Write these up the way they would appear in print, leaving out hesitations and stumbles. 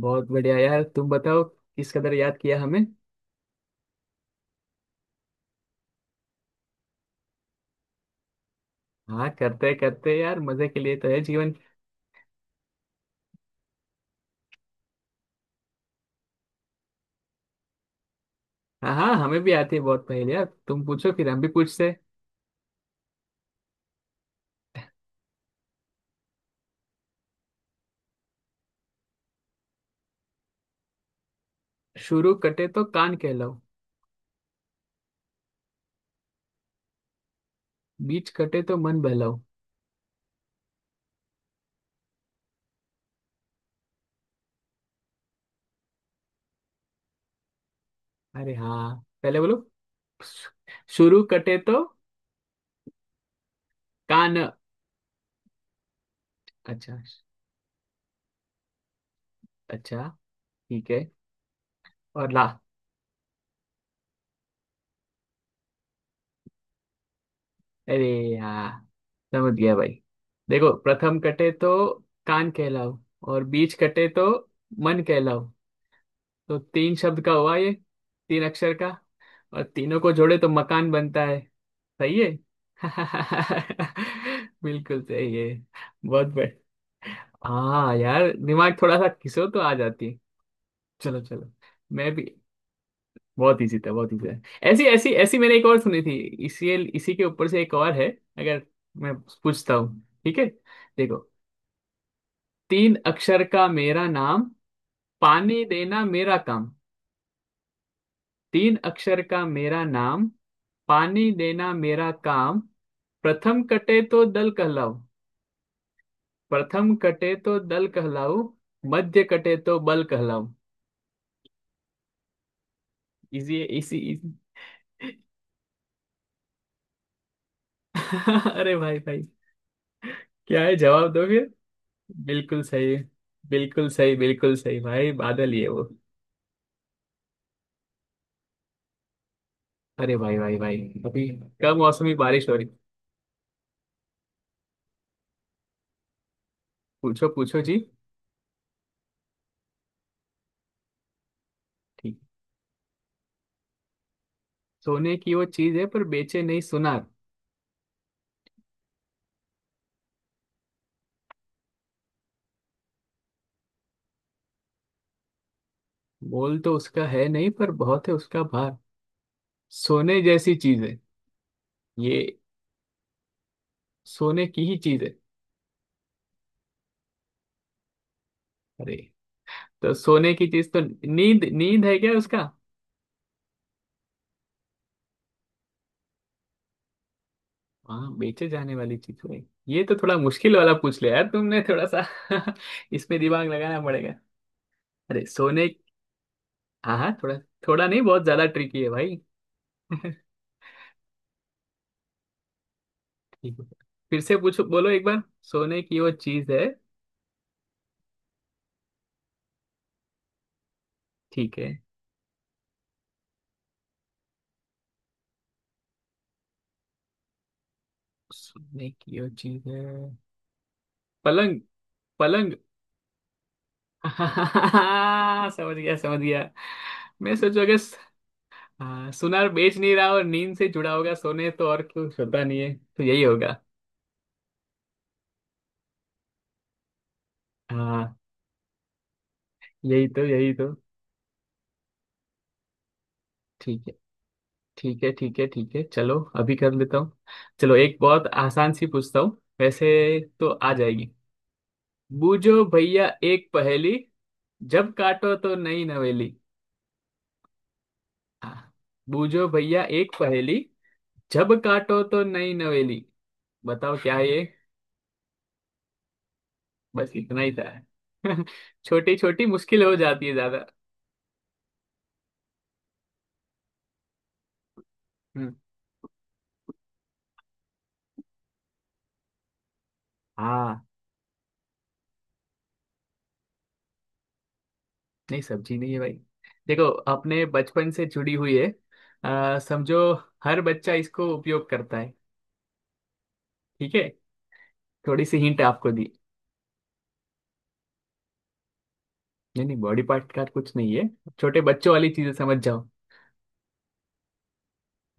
बहुत बढ़िया यार। तुम बताओ, किस कदर याद किया हमें। हाँ करते करते यार, मजे के लिए तो है जीवन। हाँ हाँ, हमें भी आती है बहुत पहेली यार। तुम पूछो फिर हम भी पूछते हैं। शुरू कटे तो कान कहलाओ, बीच कटे तो मन बहलाओ। अरे हाँ, पहले बोलो। शुरू कटे तो कान। अच्छा। अच्छा। ठीक है। और ला। अरे हाँ, समझ गया भाई। देखो, प्रथम कटे तो कान कहलाओ, और बीच कटे तो मन कहलाओ। तो तीन शब्द का हुआ ये, तीन अक्षर का। और तीनों को जोड़े तो मकान बनता है। सही है। बिल्कुल सही है। बहुत बढ़िया। हाँ यार, दिमाग थोड़ा सा घिसो तो आ जाती है। चलो चलो, मैं भी। बहुत इजी था बहुत इजी था। ऐसी ऐसी ऐसी मैंने एक और सुनी थी। इसी इसी के ऊपर से एक और है। अगर मैं पूछता हूँ, ठीक है? देखो, तीन अक्षर का मेरा नाम, पानी देना मेरा काम। तीन अक्षर का मेरा नाम, पानी देना मेरा काम। प्रथम कटे तो दल कहलाऊ। प्रथम कटे तो दल कहलाऊ, मध्य कटे तो बल कहलाऊ। इजी है इसी इजी। अरे भाई भाई, क्या है? जवाब दोगे? बिल्कुल सही, बिल्कुल सही, बिल्कुल सही भाई। बादल ही है वो। अरे भाई भाई भाई। अभी कम मौसमी बारिश हो रही। पूछो पूछो जी। ठीक। सोने की वो चीज है, पर बेचे नहीं सुनार। मोल तो उसका है नहीं, पर बहुत है उसका भार। सोने जैसी चीज है। ये सोने की ही चीज है। अरे, तो सोने की चीज तो नींद, नींद है क्या उसका? हाँ, बेचे जाने वाली चीज है। ये तो थोड़ा मुश्किल वाला पूछ लिया यार तुमने, थोड़ा सा। इसमें दिमाग लगाना पड़ेगा। अरे सोने। हाँ हाँ, थोड़ा। थोड़ा नहीं, बहुत ज्यादा ट्रिकी है भाई। ठीक है। फिर से पूछो, बोलो एक बार। सोने की वो चीज है? ठीक है। सोने की वो चीज है। पलंग। पलंग। समझ गया समझ गया। मैं सोचोगे, हाँ सुनार बेच नहीं रहा और नींद से जुड़ा होगा। सोने तो और कुछ होता नहीं है, तो यही होगा। हाँ, यही तो, यही तो। ठीक है ठीक है ठीक है ठीक है, चलो अभी कर लेता हूँ। चलो एक बहुत आसान सी पूछता हूँ वैसे, तो आ जाएगी। बूझो भैया एक पहेली, जब काटो तो नई नवेली। हाँ। बूझो भैया एक पहेली, जब काटो तो नई नवेली। बताओ क्या है ये? बस इतना ही था। छोटी छोटी मुश्किल हो जाती है ज्यादा। हम्म। हाँ। नहीं, सब्जी नहीं है भाई। देखो, अपने बचपन से जुड़ी हुई है। समझो। हर बच्चा इसको उपयोग करता है। ठीक है। थोड़ी सी हिंट आपको दी। नहीं नहीं, बॉडी पार्ट का कुछ नहीं है। छोटे बच्चों वाली चीजें समझ जाओ।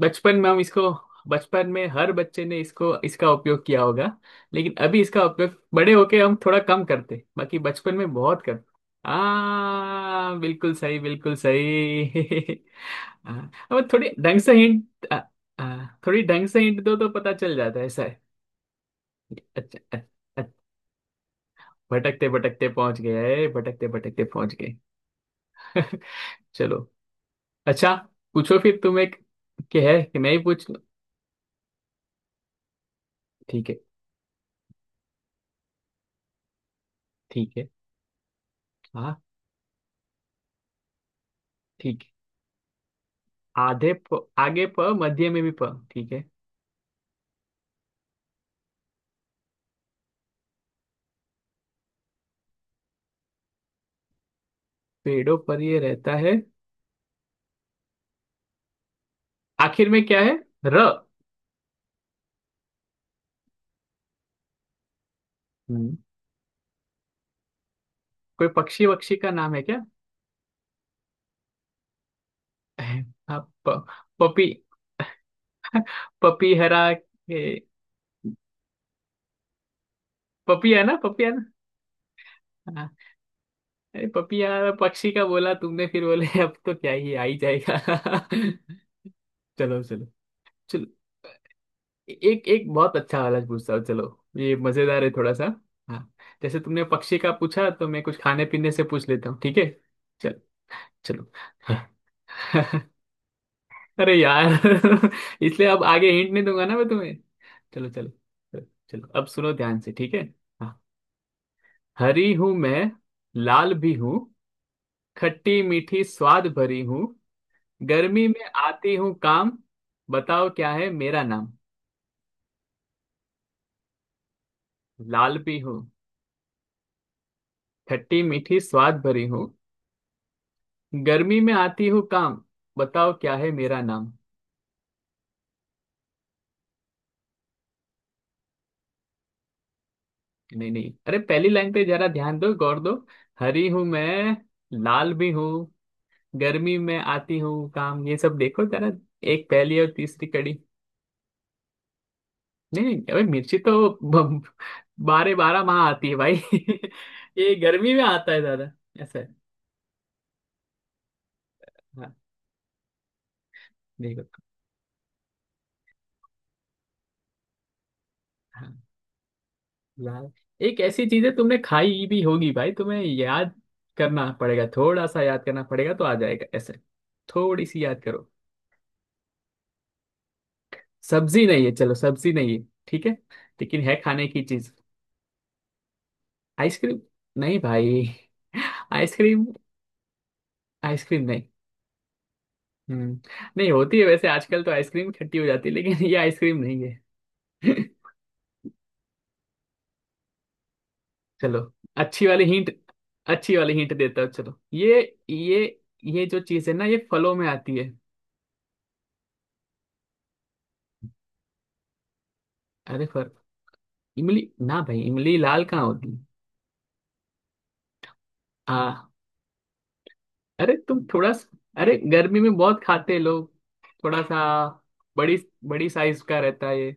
बचपन में हम इसको, बचपन में हर बच्चे ने इसको इसका उपयोग किया होगा। लेकिन अभी इसका उपयोग बड़े होके हम थोड़ा कम करते, बाकी बचपन में बहुत करते। हाँ बिल्कुल सही, बिल्कुल सही। हाँ, अब थोड़ी ढंग से हिंट। थोड़ी ढंग से हिंट दो तो पता चल जाता है, ऐसा है। अच्छा। अच्छा। अच्छा। भटकते भटकते पहुंच गए, भटकते भटकते पहुंच गए। चलो। अच्छा। पूछो फिर तुम एक, के है कि मैं ही पूछ लूं? ठीक है। ठीक है। हाँ। ठीक है। आधे प, आगे प, मध्य में भी प। ठीक है। पेड़ों पर ये रहता है। आखिर में क्या है, र? हम्म। कोई पक्षी वक्षी का नाम है क्या? हाँ, प, पपी। पपी हरा के। पपी है ना, पपी है ना? हाँ। अरे पपिया पक्षी का बोला तुमने, फिर बोले अब तो क्या ही आ ही जाएगा। चलो चलो। चलो एक एक बहुत अच्छा वाला पूछता हूँ। चलो ये मजेदार है थोड़ा सा। हाँ, जैसे तुमने पक्षी का पूछा, तो मैं कुछ खाने पीने से पूछ लेता हूँ, ठीक है? चल। चलो। अरे यार। इसलिए अब आगे हिंट नहीं दूंगा ना मैं तुम्हें। चलो चलो। चलो चलो, अब सुनो ध्यान से, ठीक है? हाँ। हरी हूं मैं, लाल भी हूँ, खट्टी मीठी स्वाद भरी हूँ। गर्मी में आती हूँ काम। बताओ क्या है मेरा नाम? लाल भी हूँ, खट्टी मीठी स्वाद भरी हूँ, गर्मी में आती हूँ काम। बताओ क्या है मेरा नाम? नहीं नहीं, अरे पहली लाइन पे जरा ध्यान दो, गौर दो। हरी हूँ मैं, लाल भी हूँ, गर्मी में आती हूँ काम, ये सब देखो जरा। एक पहली और तीसरी कड़ी। नहीं नहीं, अबे मिर्ची तो बारह बारह माह आती है भाई। ये गर्मी में आता है दादा। ऐसा है। हाँ। देखो। हाँ यार, एक ऐसी चीज है, तुमने खाई भी होगी भाई, तुम्हें याद करना पड़ेगा। थोड़ा सा याद करना पड़ेगा तो आ जाएगा ऐसे। थोड़ी सी याद करो। सब्जी नहीं है, चलो सब्जी नहीं है, ठीक है। लेकिन है खाने की चीज। आइसक्रीम? नहीं भाई, आइसक्रीम, आइसक्रीम नहीं। हम्म। नहीं होती है वैसे, आजकल तो आइसक्रीम खट्टी हो जाती है, लेकिन ये आइसक्रीम नहीं है। चलो अच्छी वाली हिंट। अच्छी वाली हिंट देता हूँ चलो। ये, ये ये जो चीज है ना, ये फलों में आती है। अरे इमली? ना भाई, इमली लाल कहाँ होती है? हाँ। अरे तुम थोड़ा सा। अरे गर्मी में बहुत खाते हैं लोग। थोड़ा सा बड़ी, बड़ी साइज का रहता है ये।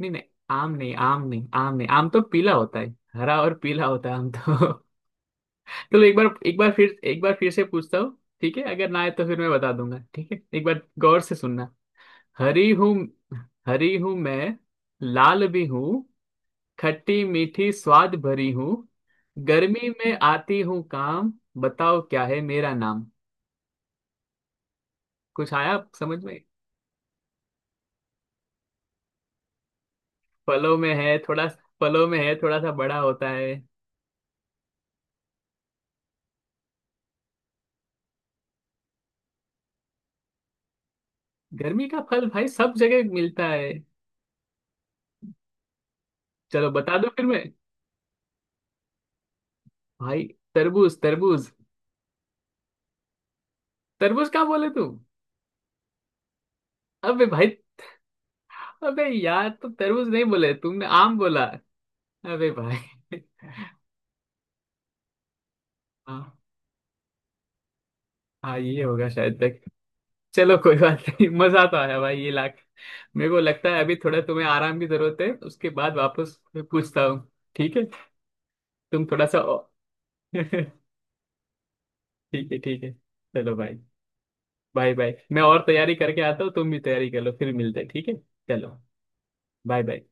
नहीं नहीं, आम नहीं, आम नहीं, आम नहीं। आम तो पीला होता है, हरा और पीला होता है आम तो। चलो एक बार, एक बार फिर, एक बार फिर से पूछता हूँ ठीक है, अगर ना आए तो फिर मैं बता दूंगा, ठीक है? एक बार गौर से सुनना। हरी हूँ, हरी हूँ मैं, लाल भी हूँ, खट्टी मीठी स्वाद भरी हूँ, गर्मी में आती हूँ काम। बताओ क्या है मेरा नाम? कुछ आया समझ में? फलों में है थोड़ा। फलों में है, थोड़ा सा बड़ा होता है। गर्मी का फल भाई सब जगह मिलता है। चलो बता दो फिर मैं। भाई, तरबूज, तरबूज। तरबूज कहाँ बोले तू? अबे भाई, अबे यार, तो तरबूज नहीं बोले तुमने, आम बोला। अबे भाई। हाँ हाँ, ये होगा शायद तक। चलो कोई बात नहीं। मजा तो आया भाई, ये लाख। मेरे को लगता है अभी थोड़ा तुम्हें आराम की जरूरत है, उसके बाद वापस पूछता हूँ। ठीक है। तुम थोड़ा सा। ठीक है ठीक है, चलो भाई। Bye bye. मैं और तैयारी करके आता हूँ, तुम भी तैयारी कर लो, फिर मिलते हैं, ठीक है? चलो। Bye bye.